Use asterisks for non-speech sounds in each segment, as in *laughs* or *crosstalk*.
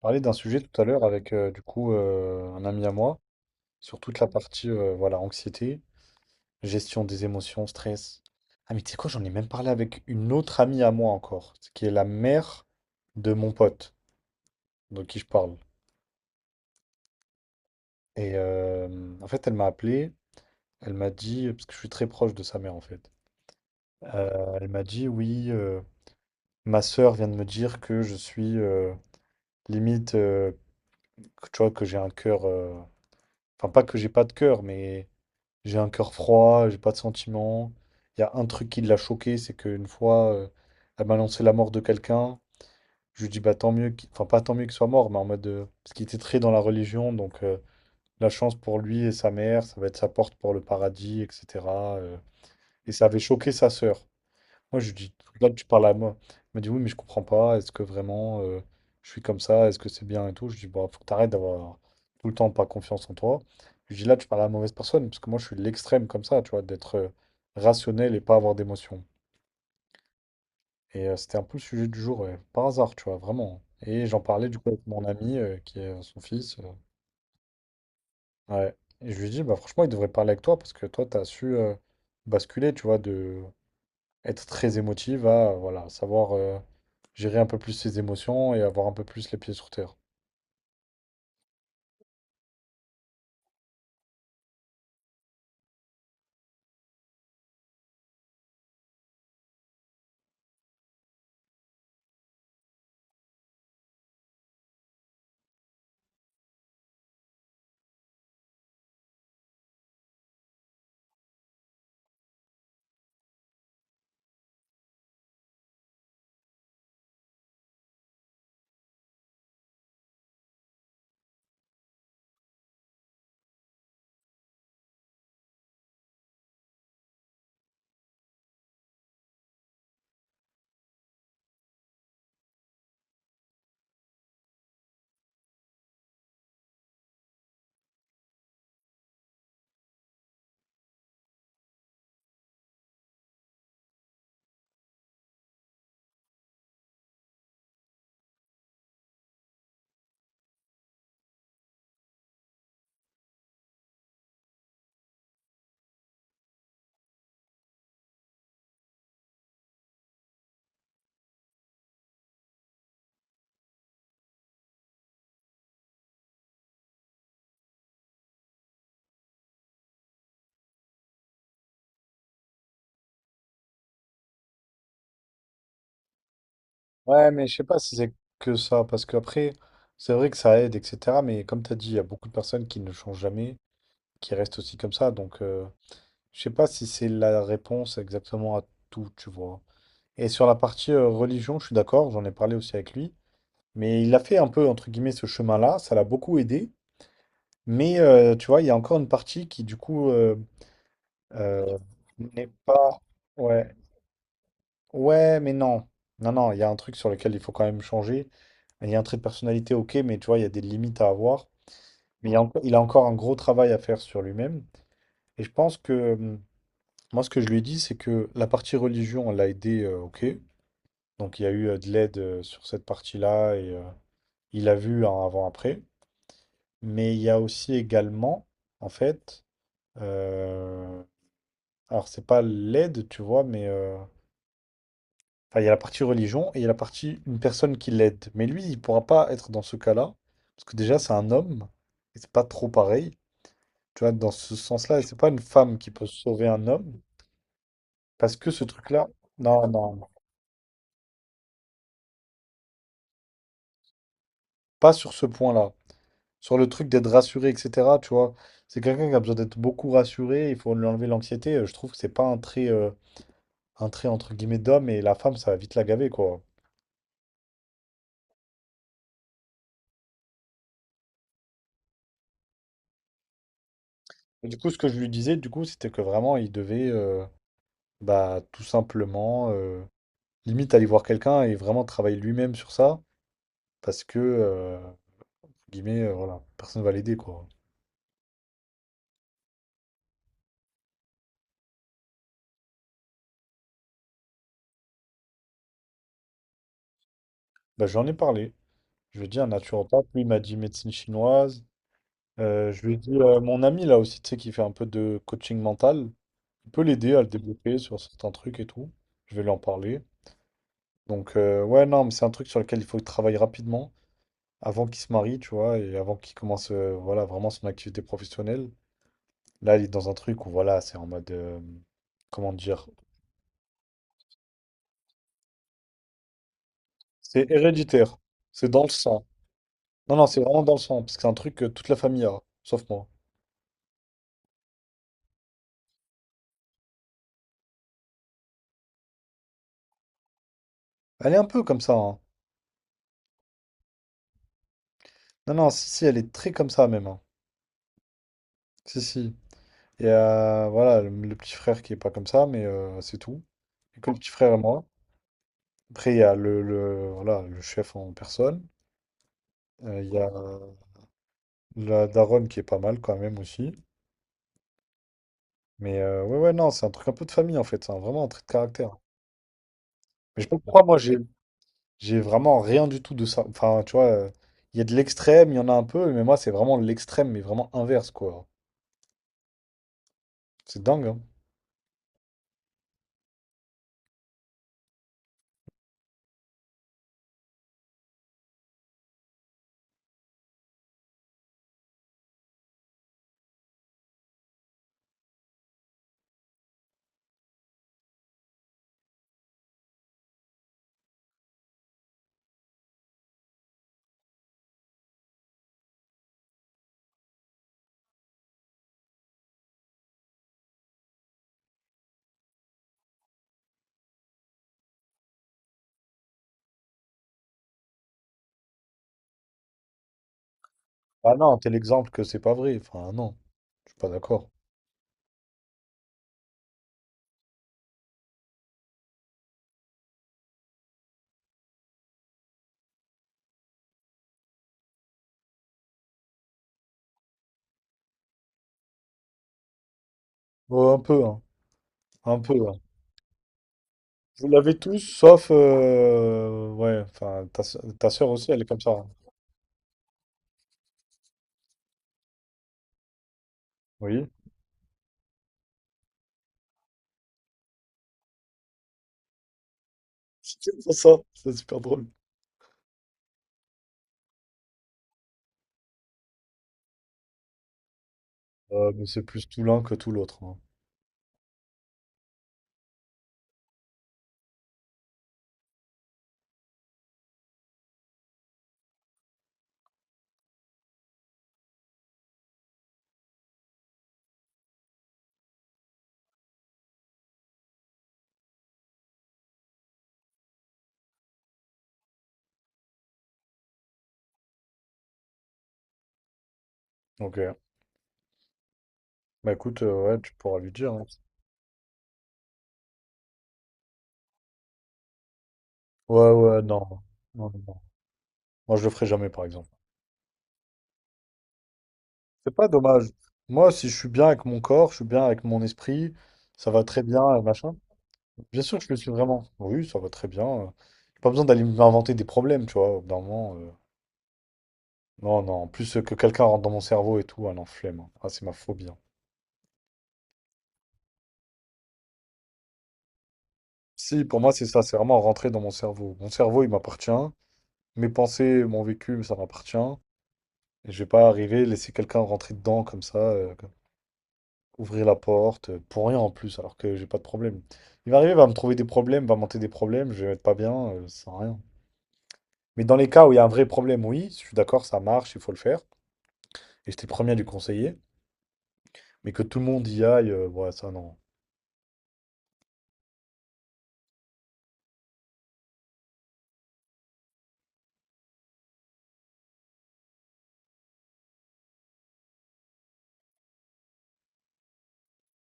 Parlé d'un sujet tout à l'heure avec un ami à moi sur toute la partie voilà, anxiété, gestion des émotions, stress. Ah mais tu sais quoi, j'en ai même parlé avec une autre amie à moi encore, qui est la mère de mon pote de qui je parle. Et en fait, elle m'a appelé, elle m'a dit, parce que je suis très proche de sa mère en fait. Elle m'a dit oui, ma sœur vient de me dire que je suis limite tu vois, que j'ai un cœur enfin, pas que j'ai pas de cœur, mais j'ai un cœur froid, j'ai pas de sentiments. Il y a un truc qui l'a choqué, c'est qu'une fois, elle m'a annoncé la mort de quelqu'un. Je lui dis, bah tant mieux enfin, pas tant mieux qu'il soit mort, mais en mode, parce qu'il était très dans la religion, donc la chance pour lui et sa mère, ça va être sa porte pour le paradis, etc. euh. Et ça avait choqué sa sœur. Moi, je lui dis, là, tu parles à moi. Il m'a dit oui, mais je comprends pas. Est-ce que vraiment je suis comme ça? Est-ce que c'est bien et tout? Je lui dis, bah, faut que t'arrêtes d'avoir tout le temps pas confiance en toi. Je lui dis, là, tu parles à la mauvaise personne, parce que moi, je suis l'extrême comme ça, tu vois, d'être rationnel et pas avoir d'émotion. Et c'était un peu le sujet du jour, ouais, par hasard, tu vois, vraiment. Et j'en parlais du coup avec mon ami, qui est son fils. Ouais. Et je lui dis, bah, franchement, il devrait parler avec toi, parce que toi, t'as su basculer, tu vois, de être très émotive à voilà, savoir gérer un peu plus ses émotions et avoir un peu plus les pieds sur terre. Ouais, mais je sais pas si c'est que ça, parce qu'après, c'est vrai que ça aide, etc. Mais comme tu as dit, il y a beaucoup de personnes qui ne changent jamais, qui restent aussi comme ça. Donc, je sais pas si c'est la réponse exactement à tout, tu vois. Et sur la partie religion, je suis d'accord, j'en ai parlé aussi avec lui. Mais il a fait un peu, entre guillemets, ce chemin-là, ça l'a beaucoup aidé. Mais tu vois, il y a encore une partie qui, du coup, euh, n'est pas. Ouais. Ouais, mais non. Non, non, il y a un truc sur lequel il faut quand même changer. Il y a un trait de personnalité, ok, mais tu vois, il y a des limites à avoir. Mais il a encore un gros travail à faire sur lui-même. Et je pense que, moi, ce que je lui ai dit, c'est que la partie religion, elle l'a aidé, ok. Donc, il y a eu de l'aide sur cette partie-là. Et, il a vu un avant-après. Mais il y a aussi également, en fait, euh, alors c'est pas l'aide, tu vois, mais enfin, il y a la partie religion et il y a la partie une personne qui l'aide. Mais lui, il pourra pas être dans ce cas-là, parce que déjà, c'est un homme, et c'est pas trop pareil. Tu vois, dans ce sens-là, et c'est pas une femme qui peut sauver un homme, parce que ce truc-là, non, non, non. Pas sur ce point-là. Sur le truc d'être rassuré, etc., tu vois, c'est quelqu'un qui a besoin d'être beaucoup rassuré, il faut lui enlever l'anxiété. Je trouve que c'est pas un trait, un trait entre guillemets d'homme, et la femme, ça va vite la gaver, quoi. Et du coup, ce que je lui disais, du coup, c'était que vraiment, il devait bah, tout simplement, limite, aller voir quelqu'un et vraiment travailler lui-même sur ça, parce que, entre guillemets, voilà, personne va l'aider, quoi. Bah, j'en ai parlé. Je lui ai dit un naturopathe, lui, il m'a dit médecine chinoise. Je lui ai dit, mon ami, là aussi, tu sais, qui fait un peu de coaching mental, il peut l'aider à le débloquer sur certains trucs et tout. Je vais lui en parler. Donc, ouais, non, mais c'est un truc sur lequel il faut travailler rapidement, avant qu'il se marie, tu vois, et avant qu'il commence voilà, vraiment son activité professionnelle. Là, il est dans un truc où, voilà, c'est en mode, comment dire, c'est héréditaire, c'est dans le sang. Non, non, c'est vraiment dans le sang, parce que c'est un truc que toute la famille a, sauf moi. Elle est un peu comme ça, hein. Non, non, si, si, elle est très comme ça même, hein. Si, si. Et voilà, le petit frère qui est pas comme ça, mais c'est tout. Et que le petit frère et moi. Après, il y a voilà, le chef en personne. Il y a la daronne qui est pas mal quand même aussi. Mais ouais, ouais, non, c'est un truc un peu de famille en fait, vraiment un trait de caractère. Mais je sais pas pourquoi moi j'ai vraiment rien du tout de ça. Enfin, tu vois, il y a de l'extrême, il y en a un peu, mais moi c'est vraiment l'extrême, mais vraiment inverse quoi. C'est dingue, hein. Ah non, t'es l'exemple que c'est pas vrai. Enfin, non, je suis pas d'accord. Ouais, un peu, hein. Un peu, ouais. Vous l'avez tous, sauf. Ouais, enfin, ta soeur aussi, elle est comme ça, hein. Oui. *laughs* C'est pour ça, c'est super drôle. Mais c'est plus tout l'un que tout l'autre, hein. Ok. Bah écoute, ouais, tu pourras lui dire, hein. Ouais, ouais, non. Non, non, non. Moi, je le ferai jamais, par exemple. C'est pas dommage. Moi, si je suis bien avec mon corps, je suis bien avec mon esprit, ça va très bien, machin. Bien sûr que je le suis vraiment. Oui, ça va très bien. J'ai pas besoin d'aller m'inventer des problèmes, tu vois, au bout d'un moment. Non, non. En plus, que quelqu'un rentre dans mon cerveau et tout, ah non, flemme, hein. Ah, c'est ma phobie, hein. Si, pour moi, c'est ça. C'est vraiment rentrer dans mon cerveau. Mon cerveau, il m'appartient. Mes pensées, mon vécu, ça m'appartient. Et je vais pas arriver, laisser quelqu'un rentrer dedans comme ça. Ouvrir la porte, pour rien en plus, alors que j'ai pas de problème. Il va arriver, il va me trouver des problèmes, va monter des problèmes, je vais être pas bien, ça sert à rien. Mais dans les cas où il y a un vrai problème, oui, je suis d'accord, ça marche, il faut le faire. Et j'étais le premier à lui conseiller. Mais que tout le monde y aille, ouais, ça non.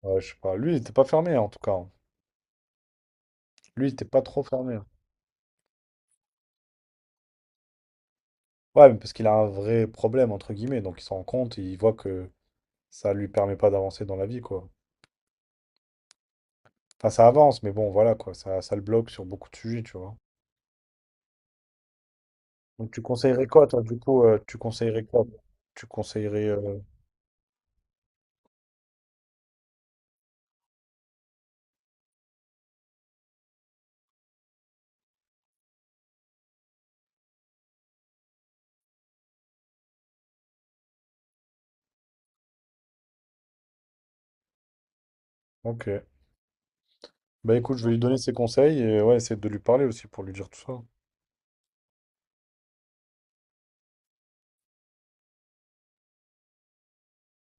Ouais, je sais pas. Lui, il était pas fermé, en tout cas, hein. Lui, il était pas trop fermé. Ouais, mais parce qu'il a un vrai problème, entre guillemets, donc il s'en rend compte et il voit que ça lui permet pas d'avancer dans la vie, quoi. Enfin, ça avance, mais bon, voilà, quoi, ça le bloque sur beaucoup de sujets, tu vois. Donc tu conseillerais quoi, toi, du coup, tu conseillerais quoi? Tu conseillerais... Ok. Bah écoute, je vais lui donner ses conseils et ouais, essayer de lui parler aussi pour lui dire tout ça.